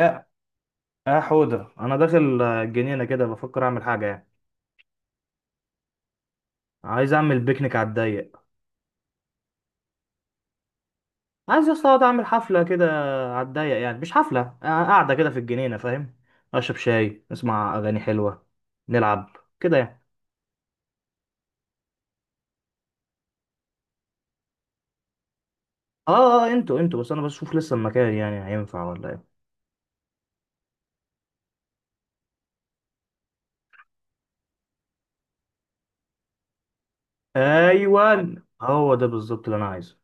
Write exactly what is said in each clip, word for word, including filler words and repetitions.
اه اه، حوده، انا داخل، آه، الجنينه كده، بفكر اعمل حاجه يعني. عايز اعمل بيكنيك على الضيق. عايز اصلا اقعد اعمل حفله كده، على الضيق يعني مش حفله، آه، قاعده كده في الجنينه فاهم. اشرب شاي، اسمع اغاني حلوه، نلعب كده يعني. اه اه اه، انتوا انتوا بس انا بشوف لسه المكان، يعني هينفع ولا ايه؟ ايوه، هو ده بالظبط اللي انا عايزه.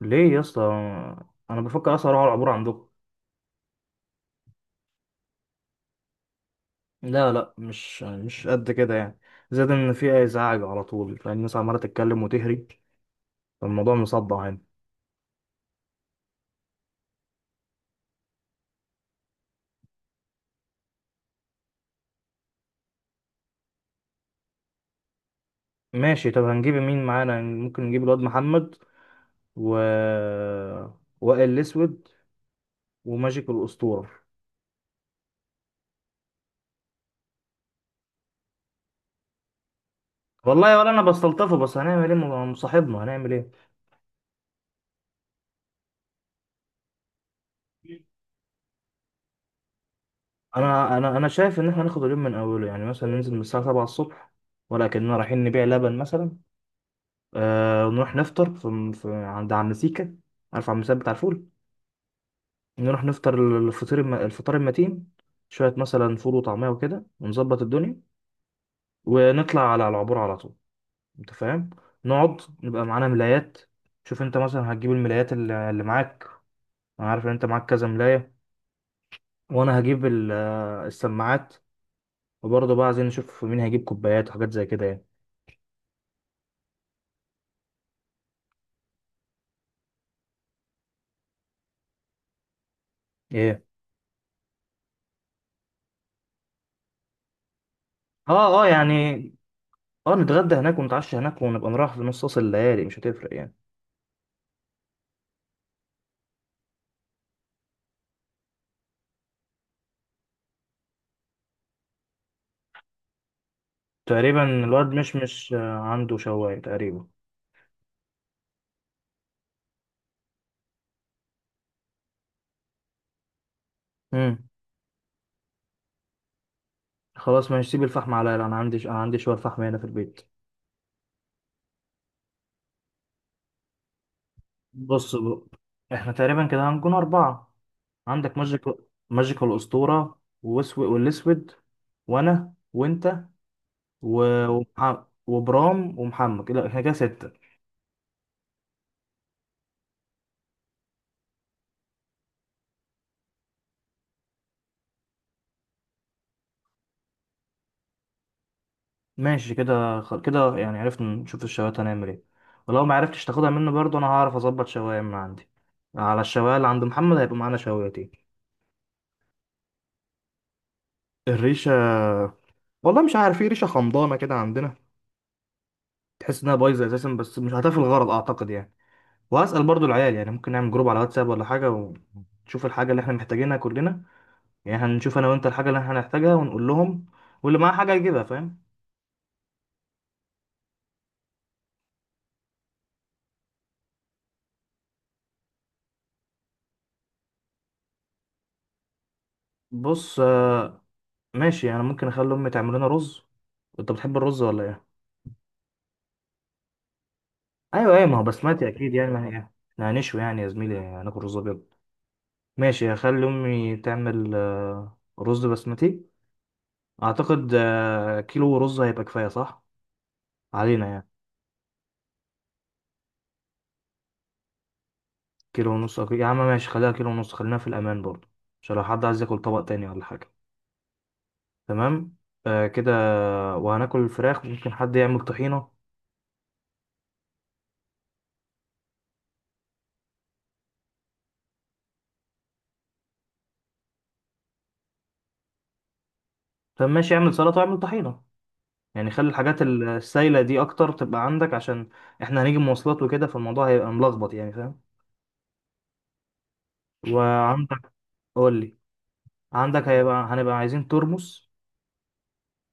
ليه يا اسطى؟ انا بفكر اصلا اروح على العبور عندكم. لا لا، مش مش قد كده يعني. زاد ان في ازعاج على طول، فالناس عماله تتكلم وتهري، الموضوع مصدع هنا. ماشي، طب هنجيب مين معانا؟ ممكن نجيب الواد محمد، و وائل الاسود، وماجيك الاسطوره. والله ولا انا بستلطفه، بس هنعمل ايه؟ ما هو صاحبنا، هنعمل ايه. انا انا انا شايف ان احنا ناخد اليوم من اوله، يعني مثلا ننزل من الساعه سبعة الصبح، ولكننا رايحين نبيع لبن مثلا. آه ونروح نفطر في, في عند عم سيكا، عارف عم سيكا بتاع الفول. نروح نفطر الفطير الم... الفطار المتين، شويه مثلا فول وطعميه وكده، ونظبط الدنيا ونطلع على العبور على طول. انت فاهم. نقعد، نبقى معانا ملايات. شوف انت مثلا هتجيب الملايات اللي اللي معاك، انا عارف ان انت معاك كذا ملاية. وانا هجيب ال- آه، السماعات. وبرضه بقى عايزين نشوف مين هيجيب كوبايات وحاجات زي كده يعني. ايه؟ اه اه يعني. اه نتغدى هناك ونتعشى هناك، ونبقى نروح في نص وسط الليالي، مش هتفرق يعني. تقريبا الواد مش مش آه، عنده شواية تقريبا. امم. خلاص ماشي، سيب الفحم عليا، لا، انا عندي، انا عندي شوية فحم هنا في البيت. بص بقى. احنا تقريبا كده هنكون أربعة. عندك ماجيك، ماجيك الأسطورة، واسود والأسود، وأنا وأنت، و... ومح... وبرام ومحمد، كده احنا كده ستة. ماشي كده، خ- كده يعني عرفنا نشوف الشواية هنعمل ايه. ولو ما عرفتش تاخدها منه برضه، أنا هعرف أظبط شواية من عندي، على الشواية اللي عند محمد هيبقى معانا شوايتين. الريشة، والله مش عارف، ايه ريشة خمضانة كده عندنا، تحس إنها بايظة أساسا، بس مش هتفي الغرض أعتقد يعني. وهسأل برضه العيال، يعني ممكن نعمل جروب على واتساب ولا حاجة، ونشوف الحاجة اللي احنا محتاجينها كلنا. يعني هنشوف انا وانت الحاجه اللي احنا هنحتاجها ونقول لهم، واللي معاه حاجه يجيبها، فاهم. بص، آه، ماشي. انا ممكن اخلي امي تعمل لنا رز، انت بتحب الرز ولا ايه؟ ايوه ايه، ما هو بسمتي اكيد يعني، ما هي احنا هنشوي يعني يا زميلي، هناكل رز ابيض. ماشي، هخلي امي تعمل آه، رز بسمتي. اعتقد آه، كيلو رز هيبقى كفايه، صح، علينا يعني. كيلو ونص أو- كي- يا عم ماشي، خليها كيلو ونص، خلينا في الامان برضه، عشان لو حد عايز ياكل طبق تاني ولا حاجه. تمام. آه كده. آه، وهناكل الفراخ، ممكن حد يعمل طحينه. طب ماشي، اعمل سلطة واعمل طحينة، يعني خلي الحاجات ال- السايلة دي أكتر تبقى عندك، عشان إحنا هنيجي مواصلات وكده، فالموضوع هيبقى ملخبط يعني، فاهم. وعندك. قول لي. عندك هيبقى، هنبقى عايزين ترمس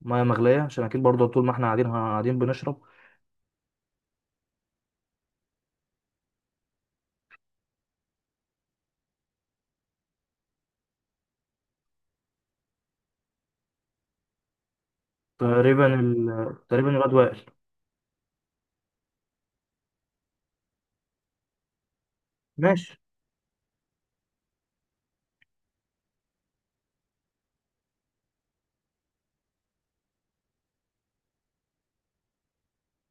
مياه مغلية، عشان أكيد برضه طول ما إحنا قاعدين، قاعدين بنشرب. تقريبا ال... تقريبا الواد وائل. ماشي.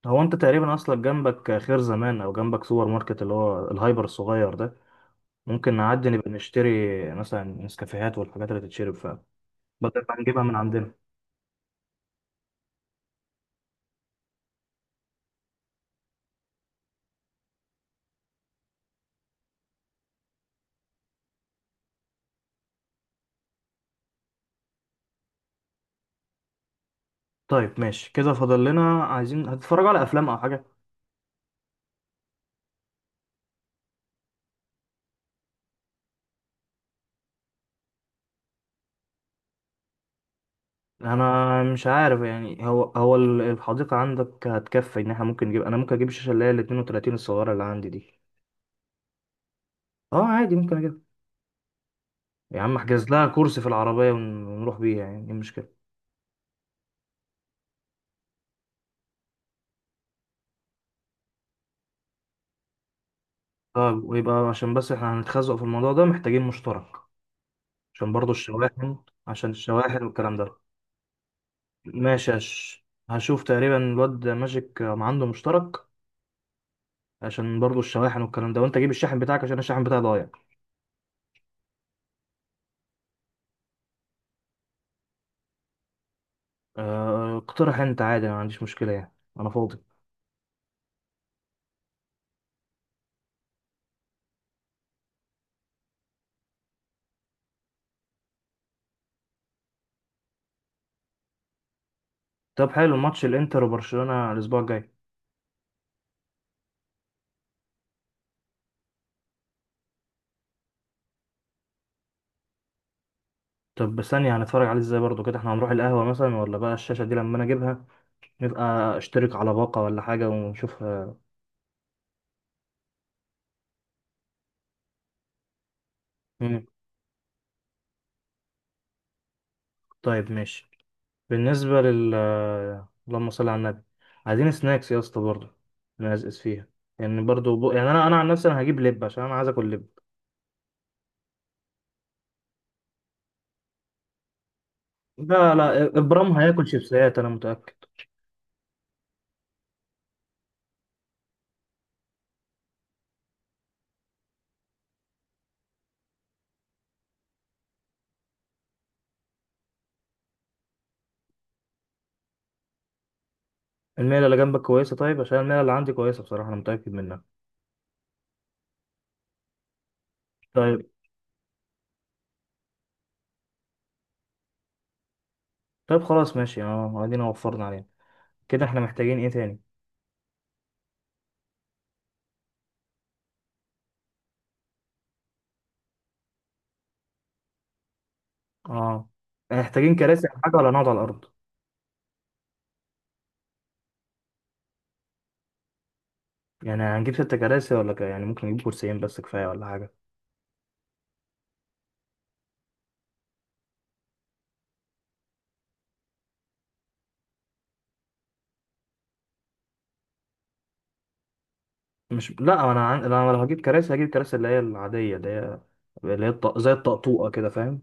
هو أنت تقريبا أصلا جنبك خير زمان، أو جنبك سوبر ماركت اللي هو الهايبر الصغير ده، ممكن نعدي نبقى نشتري مثلا نسكافيهات والحاجات اللي تتشرب، فبدل ما نجيبها من عندنا. طيب ماشي كده، فاضل لنا عايزين، هتتفرجوا على افلام او حاجه؟ انا مش عارف يعني، هو هو ال- الحديقه عندك هتكفي ان احنا ممكن نجيب، انا ممكن اجيب الشاشه اللي هي ال الاتنين وتلاتين الصغيره اللي عندي دي. اه عادي، ممكن اجيبها، يا عم احجز لها كرسي في العربيه، ون- ونروح بيها، يعني ايه المشكله. طيب ويبقى، عشان بس احنا هنتخزق في الموضوع ده، محتاجين مشترك عشان برضو الشواحن، عشان الشواحن والكلام ده. ماشي، هش- هشوف تقريبا الواد ماجيك ما عنده مشترك، عشان برضو الشواحن والكلام ده، وانت جيب الشاحن بتاعك عشان الشاحن بتاعي ضايع. آه، اقترح انت عادي، انا ما عنديش مشكله يعني، انا فاضي. طب حلو، ماتش الانتر وبرشلونه الاسبوع الجاي. طب ثانيه، هنتفرج عليه ازاي برضو كده؟ احنا هنروح القهوه مثلا ولا بقى الشاشه دي لما انا اجيبها، نبقى اشترك على باقه ولا حاجه ونشوفها. مم. طيب ماشي. بالنسبه لل آه، اللهم صل على النبي، عايزين سناكس يا اسطى برضو، نقزقز فيها يعني، برضو ب... يعني انا انا عن نفسي انا هجيب لب، عشان انا عايز اكل لب. لا لا، ابرام هياكل شيبسيات، انا متاكد. الميله اللي جنبك كويسه، طيب عشان الميله اللي عندي كويسه بصراحه انا متاكد منها. طيب. طيب خلاص ماشي، اه، ادينا وفرنا عليها، كده احنا محتاجين ايه تاني؟ اه، محتاجين كراسي او حاجه ولا نقعد على الارض؟ يعني هنجيب ست كراسي ولا ك... يعني ممكن نجيب كرسيين بس كفايه ولا حاجه؟ مش لا، انا عن... انا لو هجيب كراسي، هجيب كراسي اللي هي العاديه، اللي هي اللي هي الط... زي الطقطوقه كده فاهم.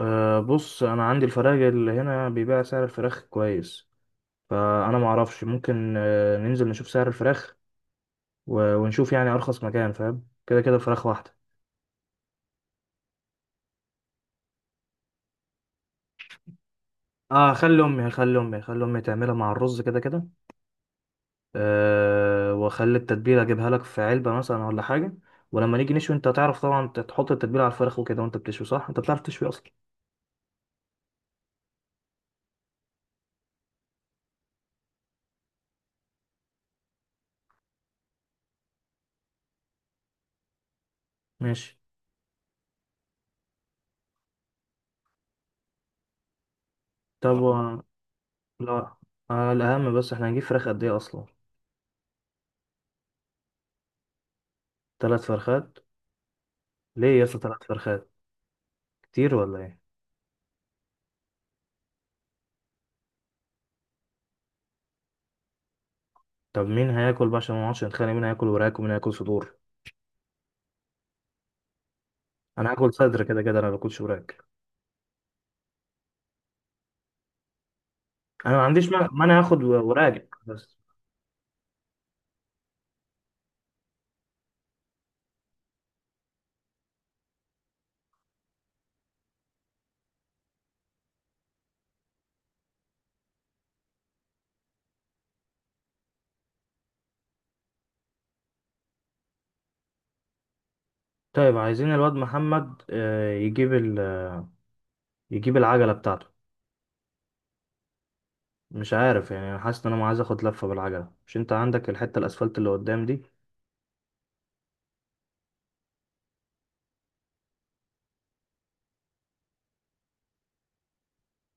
أه بص انا عندي، الفراخ اللي هنا بيبيع سعر الفراخ كويس، فانا ما اعرفش، ممكن آه، ننزل نشوف سعر الفراخ، و... ونشوف يعني ارخص مكان، فاهم، كده كده الفراخ واحده. اه، خلي امي خلي امي خلي امي تعملها مع الرز كده كده، أه واخلي التتبيله اجيبها لك في علبه مثلا ولا حاجه، ولما نيجي نشوي انت هتعرف طبعا ت- تحط التتبيله على الفراخ وكده، وانت بتشوي صح، انت بتعرف تشوي اصلا. ماشي، طب، اه، و... لا، آه الاهم بس احنا هنجيب فراخ قد ايه اصلا؟ ثلاث فرخات. ليه يا اسطى ثلاث فرخات؟ كتير ولا ايه؟ طب مين هياكل بقى عشان ما نقعدش نتخانق، مين هياكل وراك ومين هياكل صدور؟ انا هاكل صدر كده كده، انا ما باكلش وراك. انا ما عنديش مانع، مانع اخد و- وراك بس. طيب عايزين الواد محمد آه، يجيب ال... يجيب العجله بتاعته، مش عارف يعني انا حاسس ان انا عايز اخد لفه بالعجله، مش انت عندك الحته الاسفلت اللي قدام دي؟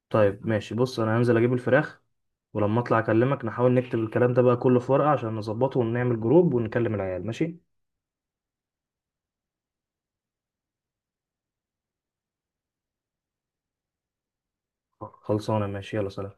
طيب ماشي، بص انا هنزل اجيب الفراخ ولما اطلع اكلمك، نحاول نكتب الكلام ده بقى كله في ورقه عشان نظبطه ونعمل جروب ونكلم العيال، ماشي. خلصانه ماشي، يلا سلام.